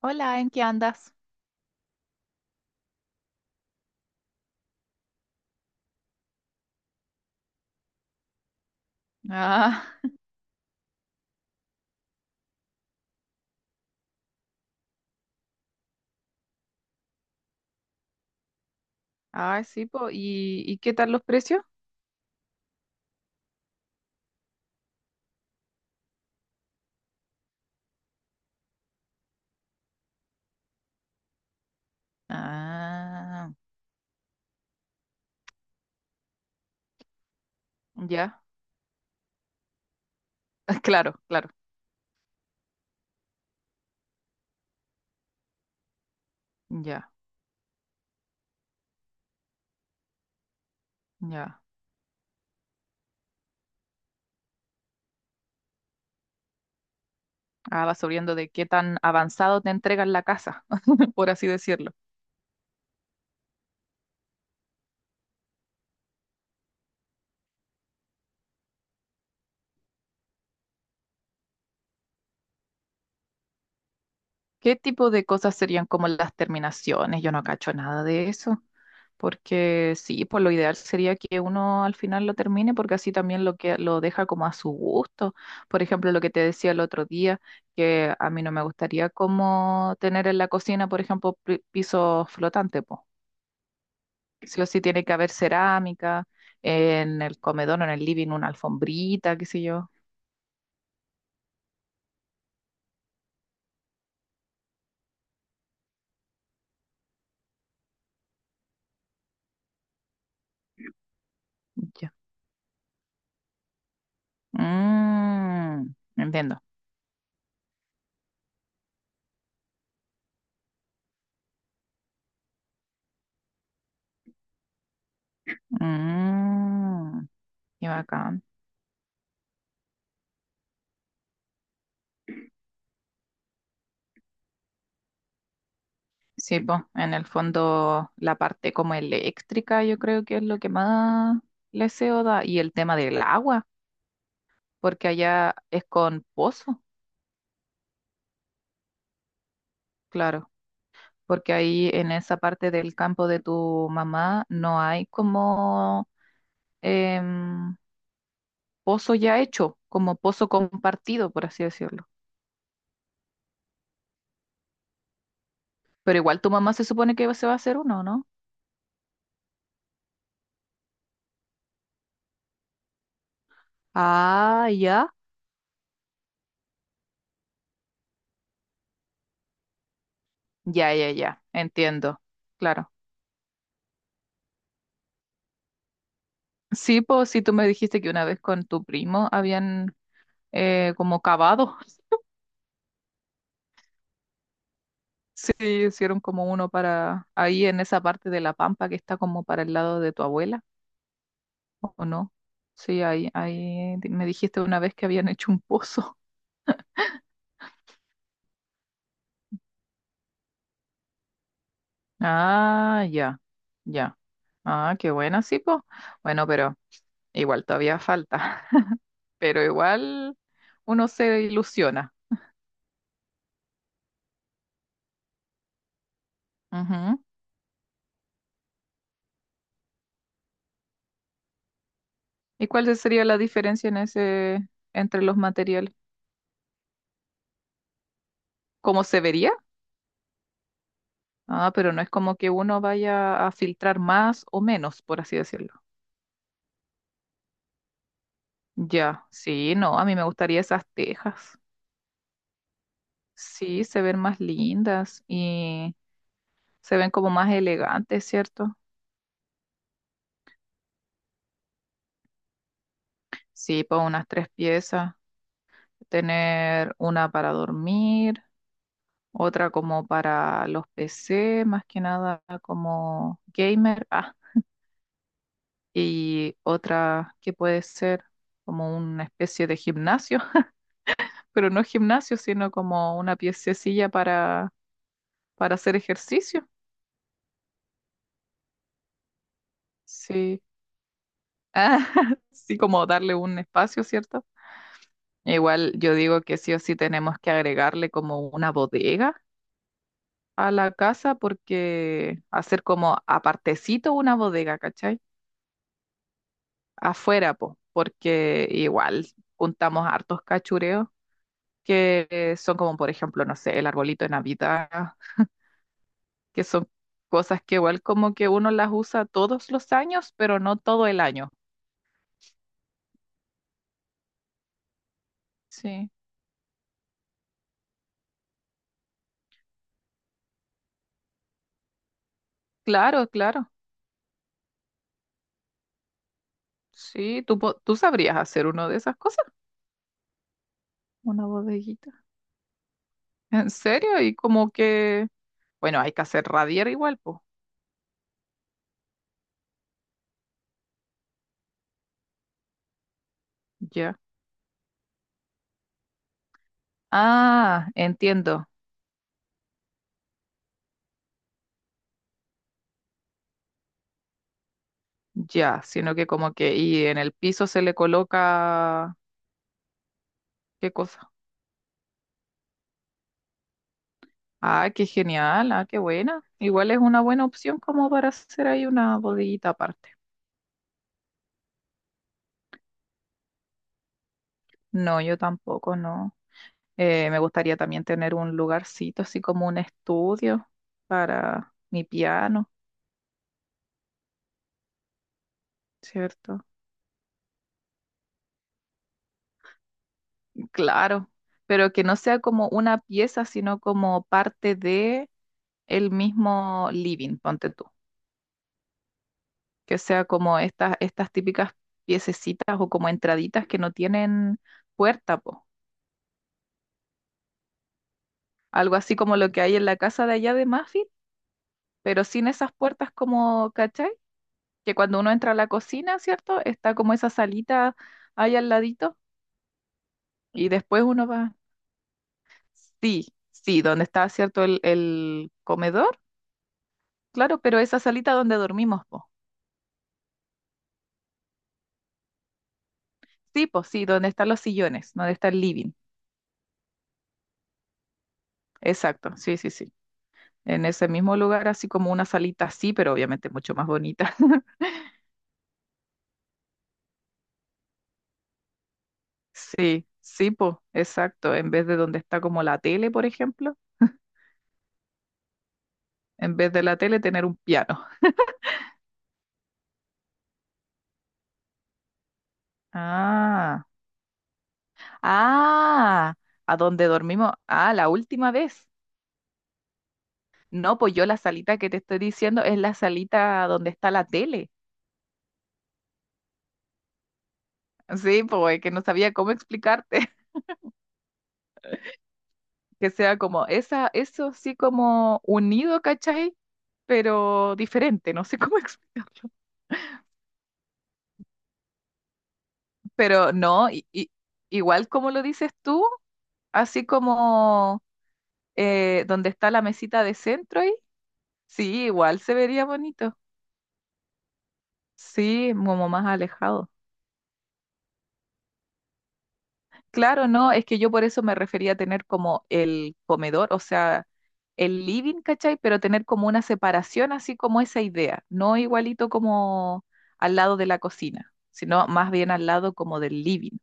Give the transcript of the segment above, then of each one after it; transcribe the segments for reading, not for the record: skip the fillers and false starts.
Hola, ¿en qué andas? Ah, sí, po. ¿Y, qué tal los precios? Ah, ya, claro, claro, ya, ya. Ah, va subiendo de qué tan avanzado te entregan la casa, por así decirlo. ¿Qué tipo de cosas serían como las terminaciones? Yo no cacho nada de eso, porque sí, pues lo ideal sería que uno al final lo termine, porque así también lo que lo deja como a su gusto. Por ejemplo, lo que te decía el otro día, que a mí no me gustaría como tener en la cocina, por ejemplo, pisos flotantes, pues. Sí o sí tiene que haber cerámica, en el comedor o en el living una alfombrita, qué sé yo. Ya. Mm, entiendo. Mm, qué bacán. Sí, pues, en el fondo la parte como eléctrica yo creo que es lo que más le SEO da, y el tema del agua, porque allá es con pozo, claro, porque ahí en esa parte del campo de tu mamá no hay como em, pozo ya hecho, como pozo compartido, por así decirlo. Pero igual tu mamá se supone que se va a hacer uno, ¿no? Ah, ya, ya, ya, ya, entiendo, claro. Sí, pues si tú me dijiste que una vez con tu primo habían como cavados. Sí, hicieron como uno para ahí en esa parte de la pampa que está como para el lado de tu abuela, ¿o no? Sí, ahí, ahí me dijiste una vez que habían hecho un pozo. Ah, ya, ya. Ah, qué buena, sí, pues. Bueno, pero igual todavía falta, pero igual uno se ilusiona. Ujú. ¿Y cuál sería la diferencia en ese, entre los materiales? ¿Cómo se vería? Ah, pero no es como que uno vaya a filtrar más o menos, por así decirlo. Ya, sí, no, a mí me gustaría esas tejas. Sí, se ven más lindas y se ven como más elegantes, ¿cierto? Sí, pues unas tres piezas, tener una para dormir, otra como para los PC, más que nada como gamer, ah, y otra que puede ser como una especie de gimnasio. Pero no gimnasio, sino como una piececilla para hacer ejercicio. Sí. Ah, sí, como darle un espacio, ¿cierto? Igual yo digo que sí o sí tenemos que agregarle como una bodega a la casa, porque hacer como apartecito una bodega, ¿cachai? Afuera, po, porque igual juntamos hartos cachureos que son como, por ejemplo, no sé, el arbolito de Navidad, que son cosas que igual como que uno las usa todos los años, pero no todo el año. Sí, claro, claro. Sí, tú, tú sabrías hacer uno de esas cosas, una bodeguita. ¿En serio? Y como que, bueno, hay que hacer radier igual, pues. Ya. Ah, entiendo. Ya, sino que como que, y en el piso se le coloca, ¿qué cosa? Ah, qué genial, ah, qué buena. Igual es una buena opción como para hacer ahí una bodeguita aparte. No, yo tampoco, no. Me gustaría también tener un lugarcito, así como un estudio para mi piano, ¿cierto? Claro, pero que no sea como una pieza, sino como parte de el mismo living, ponte tú. Que sea como estas, estas típicas piececitas o como entraditas que no tienen puerta, po. Algo así como lo que hay en la casa de allá de Muffin, pero sin esas puertas como, ¿cachai? Que cuando uno entra a la cocina, ¿cierto? Está como esa salita ahí al ladito. Y después uno va, sí, sí, donde está, ¿cierto? El comedor, claro, pero esa salita donde dormimos, po. Sí, pues sí, donde están los sillones, donde está el living. Exacto, sí, sí, sí. En ese mismo lugar, así como una salita así, pero obviamente mucho más bonita. Sí, sí, pues, exacto. En vez de donde está como la tele, por ejemplo, en vez de la tele tener un piano. Ah, ah, a donde dormimos, ah, la última vez. No, pues yo la salita que te estoy diciendo es la salita donde está la tele. Sí, pues que no sabía cómo explicarte. Que sea como esa, eso sí como unido, ¿cachai? Pero diferente, no sé cómo explicarlo. Pero no, igual como lo dices tú, así como donde está la mesita de centro ahí, sí, igual se vería bonito. Sí, como más alejado. Claro, no, es que yo por eso me refería a tener como el comedor, o sea, el living, ¿cachai? Pero tener como una separación, así como esa idea, no igualito como al lado de la cocina, sino más bien al lado como del living,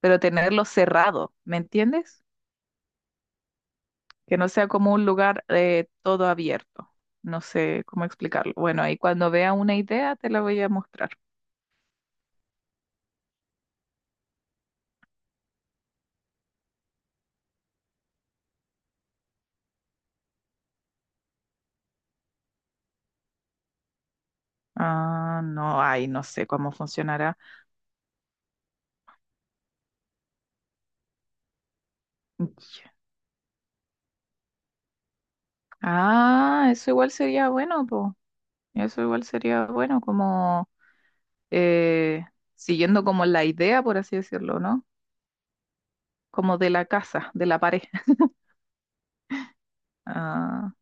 pero tenerlo cerrado, ¿me entiendes? Que no sea como un lugar todo abierto. No sé cómo explicarlo. Bueno, ahí cuando vea una idea te la voy a mostrar. Ah, no, ay, no sé cómo funcionará. Ah, eso igual sería bueno, pues. Eso igual sería bueno, como eh, siguiendo como la idea, por así decirlo, ¿no? Como de la casa, de la pared. Ah,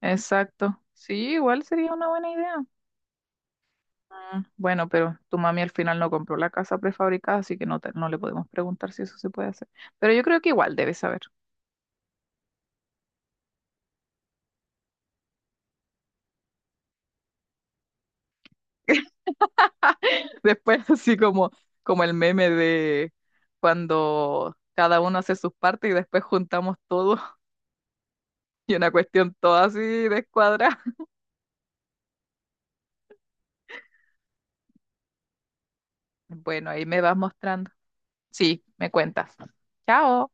exacto. Sí, igual sería una buena idea. Mm, bueno, pero tu mami al final no compró la casa prefabricada, así que no, no le podemos preguntar si eso se puede hacer. Pero yo creo que igual debe saber. Después, como el meme de cuando cada uno hace sus partes y después juntamos todo y una cuestión toda así descuadrada. Bueno, ahí me vas mostrando. Sí, me cuentas. Chao.